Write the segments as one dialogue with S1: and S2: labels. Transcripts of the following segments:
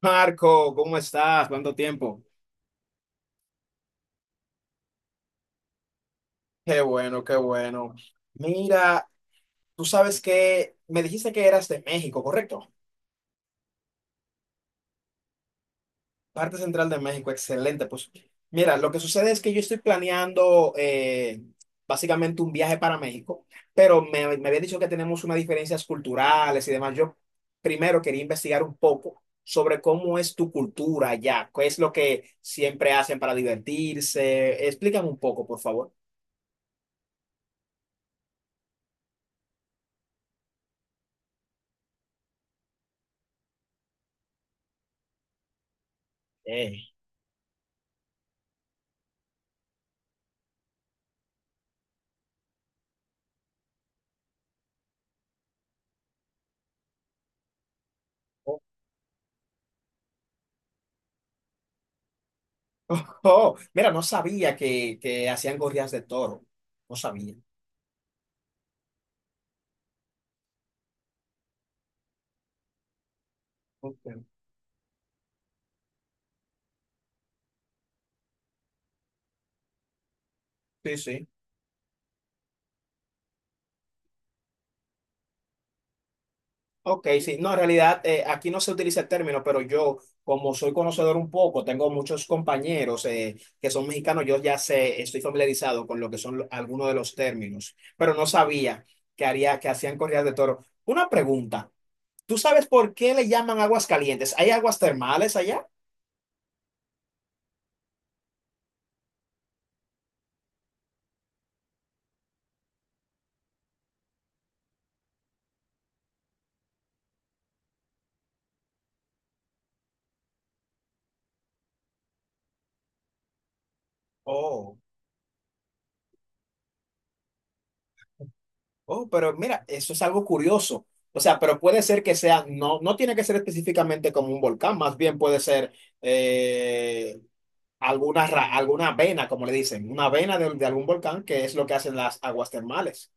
S1: Marco, ¿cómo estás? ¿Cuánto tiempo? Qué bueno, qué bueno. Mira, tú sabes que me dijiste que eras de México, ¿correcto? Parte central de México, excelente. Pues mira, lo que sucede es que yo estoy planeando básicamente un viaje para México, pero me había dicho que tenemos unas diferencias culturales y demás. Yo primero quería investigar un poco sobre cómo es tu cultura allá, qué es lo que siempre hacen para divertirse. Explícame un poco, por favor. Eh, Oh, mira, no sabía que hacían corridas de toro. No sabía. Ok. Sí, sí. Ok, sí. No, en realidad aquí no se utiliza el término, pero yo, como soy conocedor un poco, tengo muchos compañeros que son mexicanos, yo ya sé, estoy familiarizado con lo que son algunos de los términos, pero no sabía que hacían corridas de toro. Una pregunta. ¿Tú sabes por qué le llaman aguas calientes? ¿Hay aguas termales allá? Oh, oh, pero mira, eso es algo curioso. O sea, pero puede ser que sea, no, no tiene que ser específicamente como un volcán, más bien puede ser eh, alguna vena, como le dicen, una vena de algún volcán, que es lo que hacen las aguas termales.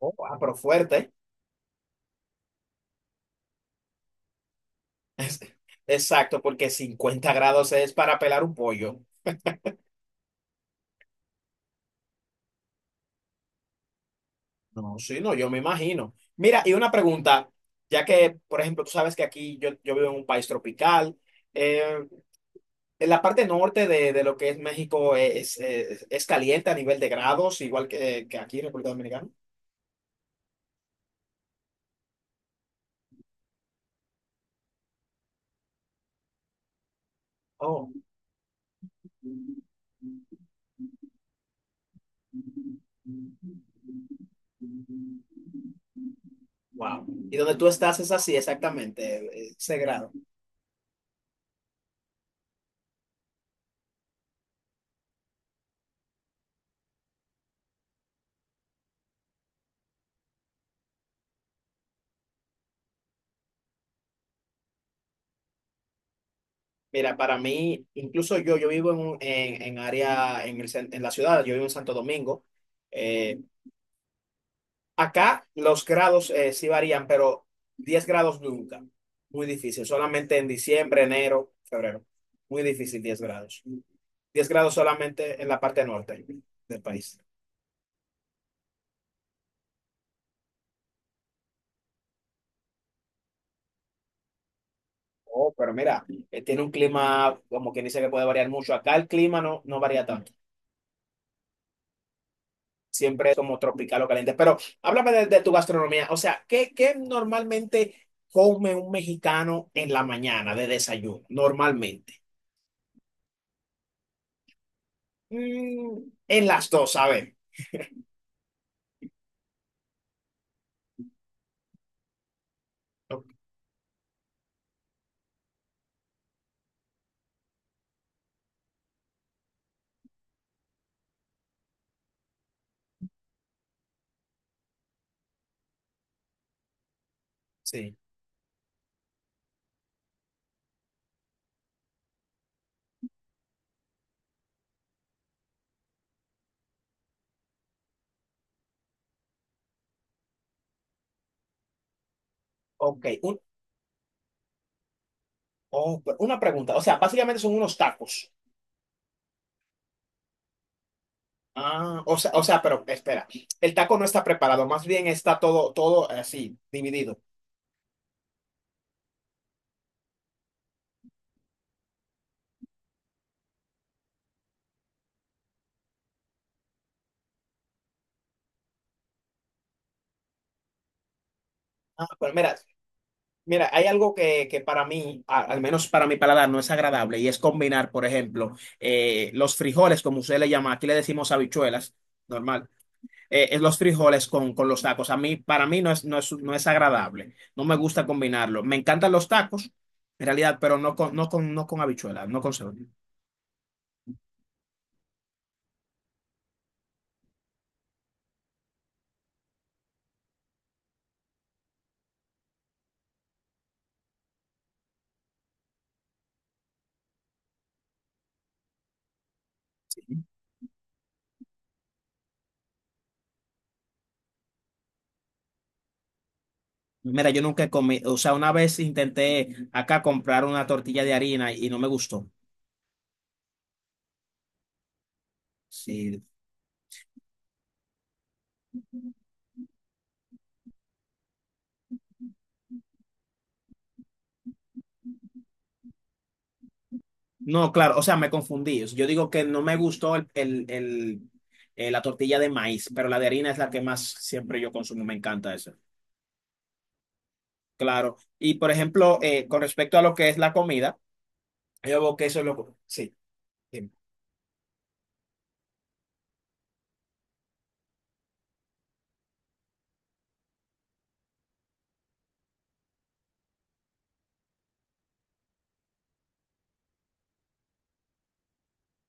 S1: Oh, ah, pero fuerte. Es- Exacto, porque 50 grados es para pelar un pollo. No, sí, no, yo me imagino. Mira, y una pregunta, ya que, por ejemplo, tú sabes que aquí yo vivo en un país tropical, eh, en la parte norte de lo que es México es caliente a nivel de grados, igual que aquí en República Dominicana. Oh, wow. ¿Y donde tú estás es así exactamente, ese grado? Mira, para mí, incluso yo vivo en área, en la ciudad, yo vivo en Santo Domingo. Eh, acá los grados sí varían, pero 10 grados nunca. Muy difícil, solamente en diciembre, enero, febrero. Muy difícil 10 grados. 10 grados solamente en la parte norte del país. Oh, pero mira, tiene un clima, como quien dice que puede variar mucho. Acá el clima no varía tanto. Siempre como tropical o caliente. Pero háblame de tu gastronomía. O sea, ¿qué normalmente come un mexicano en la mañana de desayuno? Normalmente. Mm, en las dos, a ver. Ok, sí. Ok. Oh, pero una pregunta. O sea, básicamente son unos tacos. Ah, o sea, pero espera. El taco no está preparado, más bien está todo, todo así, dividido. Ah, pues mira. Mira, hay algo que para mí, al menos para mi paladar, no es agradable y es combinar, por ejemplo, los frijoles, como usted le llama, aquí le decimos habichuelas, normal, es los frijoles con los tacos. A mí, para mí no es agradable, no me gusta combinarlo. Me encantan los tacos, en realidad, pero no con habichuelas, no con cebolla. Mira, yo nunca comí, o sea, una vez intenté acá comprar una tortilla de harina y no me gustó. Sí. No, claro, o sea, me confundí. Yo digo que no me gustó la tortilla de maíz, pero la de harina es la que más siempre yo consumo, me encanta eso. Claro, y por ejemplo, con respecto a lo que es la comida, yo veo que eso es lo. Sí, dime.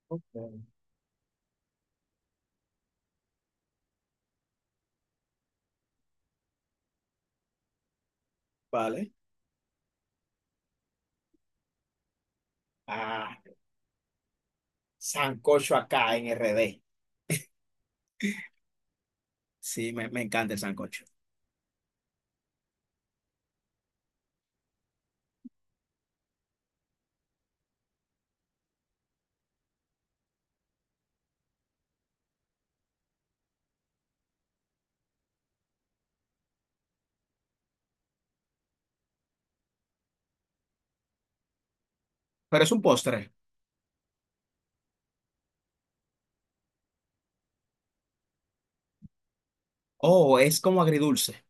S1: Ok. Vale. Ah, sancocho acá en RD. Sí, me encanta el sancocho. Pero es un postre. Oh, es como agridulce.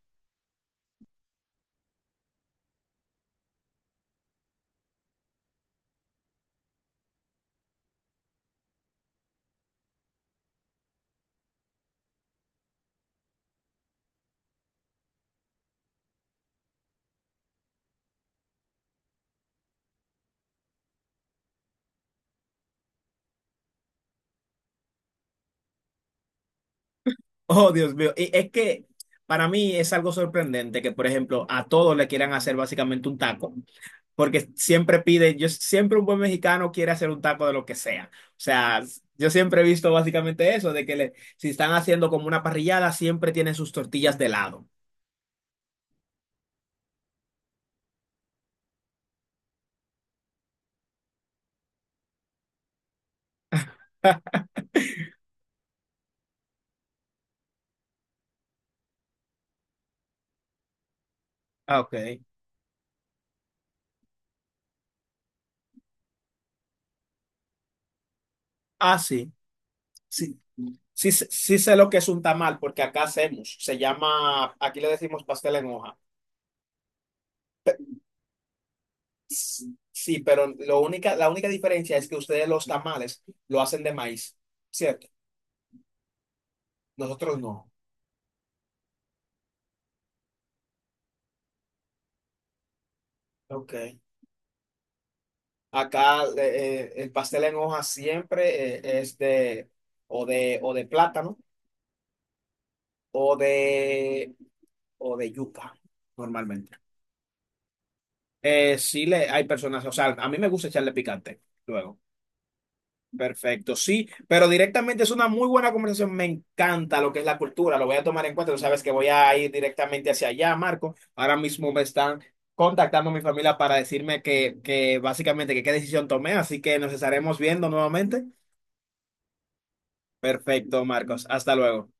S1: Oh, Dios mío. Y es que para mí es algo sorprendente que, por ejemplo, a todos le quieran hacer básicamente un taco, porque siempre yo siempre un buen mexicano quiere hacer un taco de lo que sea. O sea, yo siempre he visto básicamente eso, de que le, si están haciendo como una parrillada, siempre tienen sus tortillas de lado. Ah, ok. Ah, sí. Sí, sí, sí sé lo que es un tamal, porque acá hacemos, se llama, aquí le decimos pastel en hoja. Sí, sí, pero la única diferencia es que ustedes los tamales lo hacen de maíz, ¿cierto? Nosotros no. Ok. Acá el pastel en hoja siempre es de o de plátano o de o de yuca normalmente. Sí le hay personas, o sea, a mí me gusta echarle picante luego. Perfecto, sí, pero directamente es una muy buena conversación. Me encanta lo que es la cultura, lo voy a tomar en cuenta. Tú sabes que voy a ir directamente hacia allá, Marco. Ahora mismo me están contactando mi familia para decirme que básicamente que qué decisión tomé, así que nos estaremos viendo nuevamente. Perfecto, Marcos. Hasta luego.